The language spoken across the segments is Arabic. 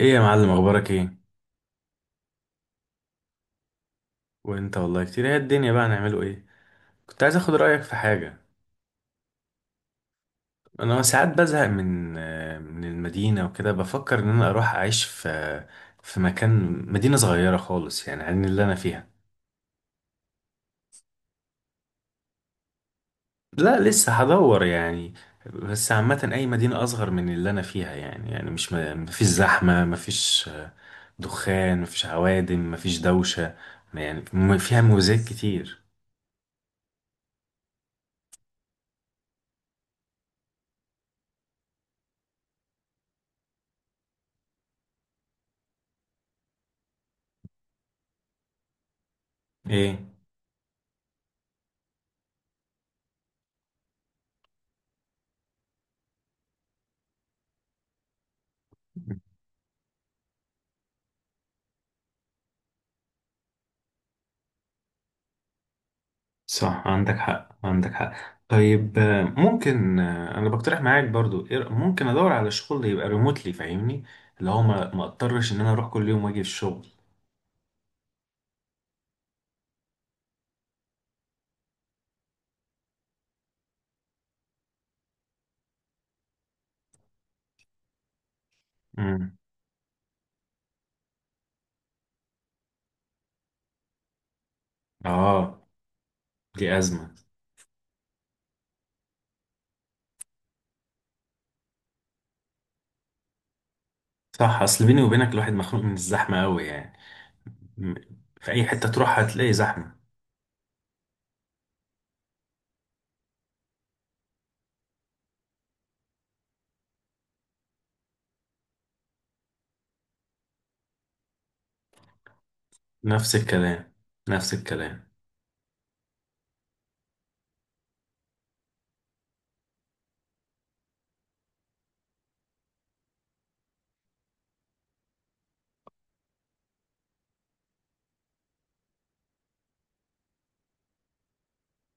ايه يا معلم، اخبارك ايه؟ وانت والله كتير، هي الدنيا بقى نعمله ايه؟ كنت عايز اخد رايك في حاجه. انا ساعات بزهق من المدينه وكده، بفكر ان انا اروح اعيش في مكان، مدينه صغيره خالص يعني عن اللي انا فيها. لا، لسه هدور يعني. بس عامه اي مدينه اصغر من اللي انا فيها يعني مش مفيش زحمه، مفيش دخان، مفيش عوادم، مفيش دوشه. يعني فيها مميزات كتير. ايه؟ صح، عندك حق، عندك حق. طيب ممكن انا بقترح معاك برضو، ممكن ادور على شغل يبقى ريموتلي، فاهمني؟ اللي هو ما اضطرش ان انا اروح كل يوم واجي الشغل. امم. اه. دي ازمه. صح، اصل بيني وبينك الواحد مخنوق من الزحمه قوي يعني. م- في اي حته تروح هتلاقي زحمه. نفس الكلام، نفس الكلام.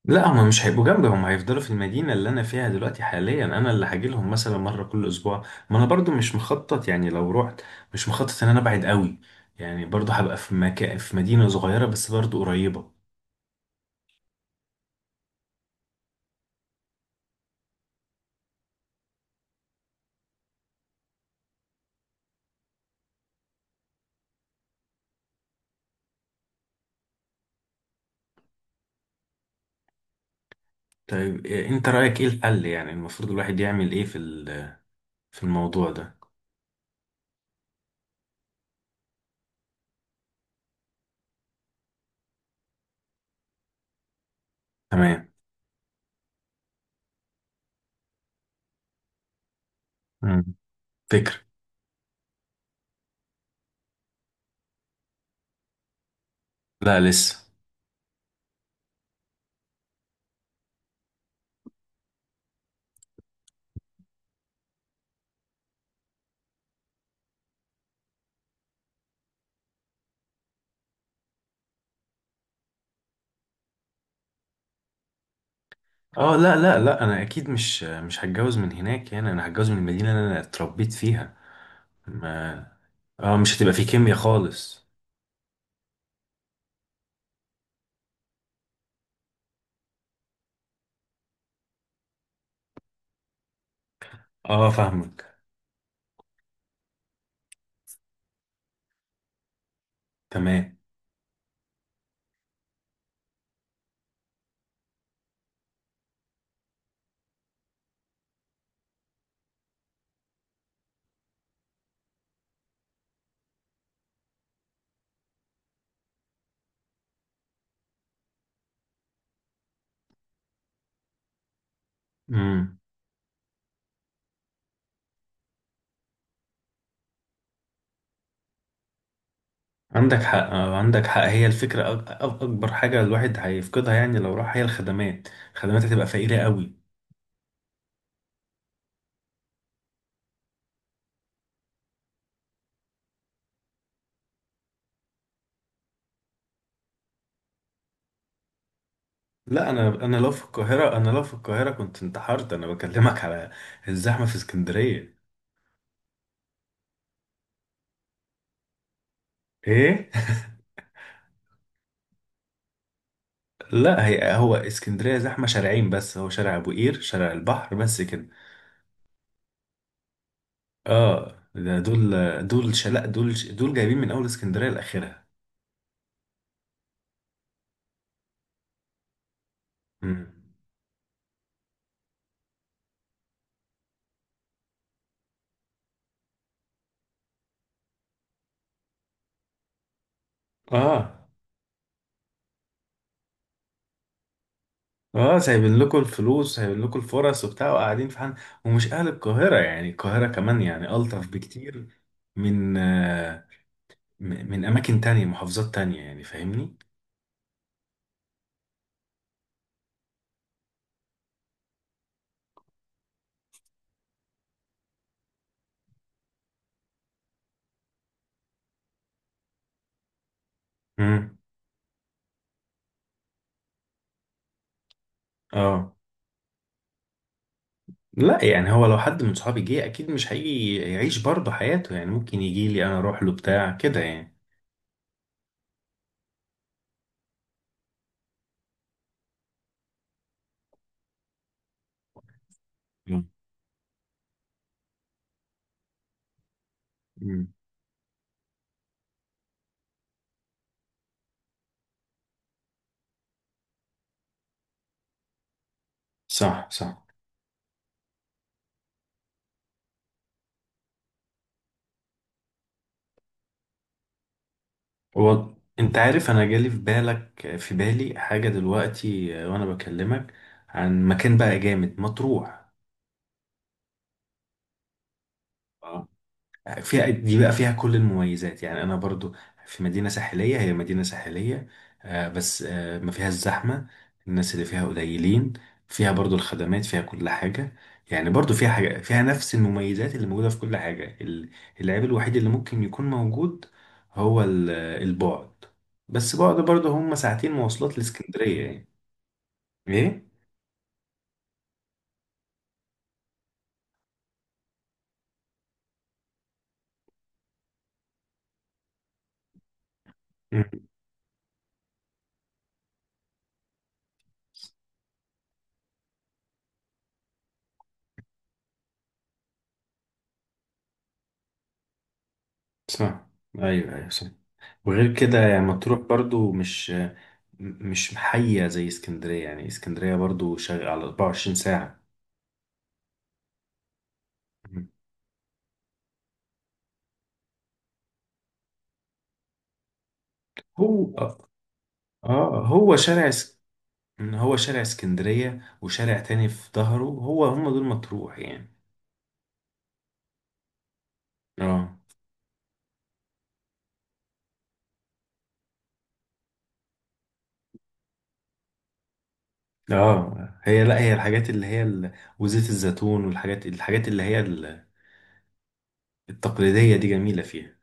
لا، هما مش هيبقوا جنبي، هما هيفضلوا في المدينة اللي أنا فيها دلوقتي حاليا. أنا اللي هاجيلهم مثلا مرة كل أسبوع. ما أنا برضو مش مخطط يعني لو رحت، مش مخطط إن أنا أبعد قوي. يعني برضو هبقى في مكان، في مدينة صغيرة بس برضو قريبة. طيب أنت رأيك إيه الحل؟ يعني المفروض الواحد يعمل إيه في في الموضوع ده؟ تمام. مم. فكرة. لا، لسه. اه، لا لا لا، انا اكيد مش هتجوز من هناك، يعني انا هتجوز من المدينه اللي انا اتربيت فيها. ما اه، مش هتبقى في كيمياء خالص. اه، فاهمك. تمام. امم. عندك حق، عندك حق. هي الفكرة، أكبر حاجة الواحد هيفقدها يعني لو راح هي الخدمات. الخدمات هتبقى فقيرة قوي. لا، أنا لو في القاهرة، أنا لو في القاهرة كنت انتحرت. أنا بكلمك على الزحمة في اسكندرية. إيه؟ لا، هي هو اسكندرية زحمة شارعين بس، هو شارع أبو قير، شارع البحر بس كده. آه، ده دول، دول شلاء دول جايبين من أول اسكندرية لآخرها. امم. آه. اه، سايبين لكم الفلوس، سايبين لكم الفرص وبتاع، وقاعدين في حال. ومش اهل القاهره، يعني القاهره كمان يعني الطف بكتير من آه، من اماكن تانية، محافظات تانية يعني، فاهمني؟ امم. اه. لا، يعني هو لو حد من صحابي جه اكيد مش هيجي يعيش برضه حياته، يعني ممكن يجي لي، انا اروح له، بتاع كده يعني. مم. مم. صح، صح. هو انت عارف انا جالي في بالك، في بالي حاجه دلوقتي وانا بكلمك عن مكان بقى جامد، مطروح. فيها دي بقى، فيها كل المميزات يعني. انا برضو في مدينة ساحلية، هي مدينة ساحلية، بس ما فيهاش زحمة. الناس اللي فيها قليلين. فيها برضو الخدمات، فيها كل حاجة. يعني برضو فيها حاجة، فيها نفس المميزات اللي موجودة في كل حاجة. العيب الوحيد اللي ممكن يكون موجود هو البعد. بس بعد برضو هم ساعتين مواصلات لاسكندرية يعني. ايه؟ مم، صح. ايوه، ايوه، صح. وغير كده يعني مطروح برضو مش، مش محية زي اسكندرية، يعني اسكندرية برضو شغال على 24 ساعة. مم. هو اه هو شارع اس... هو شارع اسكندرية وشارع تاني في ظهره، هو هم دول مطروح يعني. اه. اه، هي، لا هي الحاجات اللي هي وزيت الزيتون والحاجات، الحاجات اللي هي التقليدية دي جميلة فيها.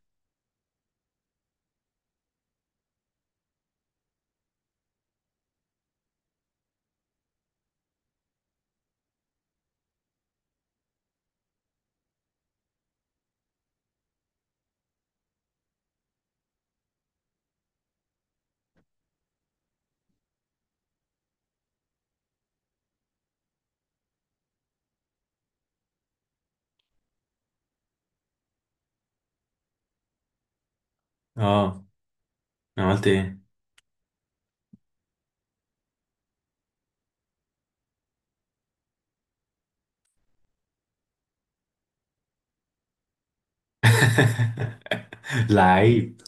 اه. عملت ايه؟ لعيب،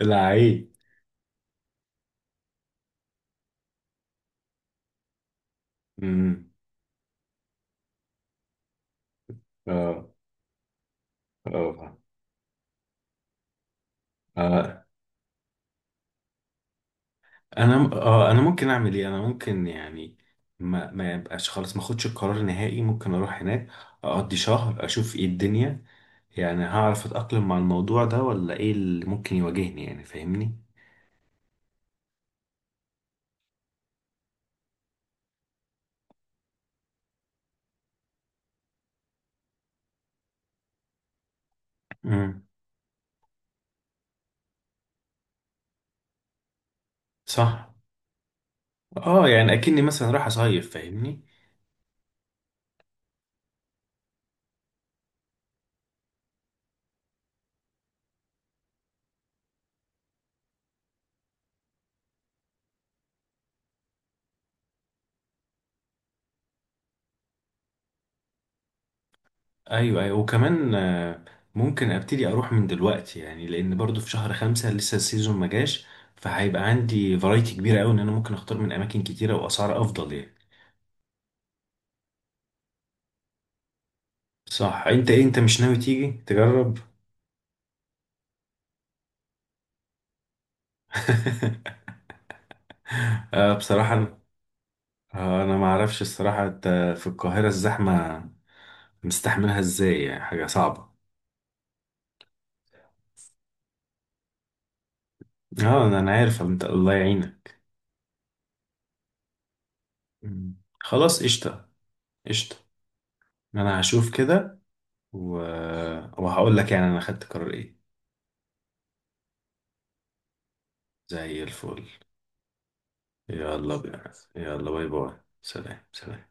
لعيب. امم. اه. اه. آه. انا م- اه انا ممكن اعمل ايه؟ انا ممكن يعني ما يبقاش خالص، ما اخدش القرار نهائي، ممكن اروح هناك اقضي شهر، اشوف ايه الدنيا، يعني هعرف اتاقلم مع الموضوع ده ولا ايه اللي ممكن يواجهني، يعني فاهمني؟ امم. صح. اه، يعني اكني مثلا رايح اصيف، فاهمني؟ ايوه، ايوه، وكمان ممكن ابتدي اروح من دلوقتي، يعني لان برضو في شهر 5 لسه السيزون ما جاش، فهيبقى عندي فرايتي كبيرة قوي ان انا ممكن اختار من اماكن كتيرة واسعار افضل يعني. صح. انت ايه، انت مش ناوي تيجي تجرب؟ آه بصراحة انا، أنا ما اعرفش الصراحة، انت في القاهرة الزحمة مستحملها ازاي يعني؟ حاجة صعبة. اه، انا عارف انت الله يعينك. مم. خلاص قشطة. قشطة. انا هشوف كده و... وهقول لك يعني انا خدت قرار ايه. زي الفل. يلا بينا، يلا، باي باي، سلام، سلام.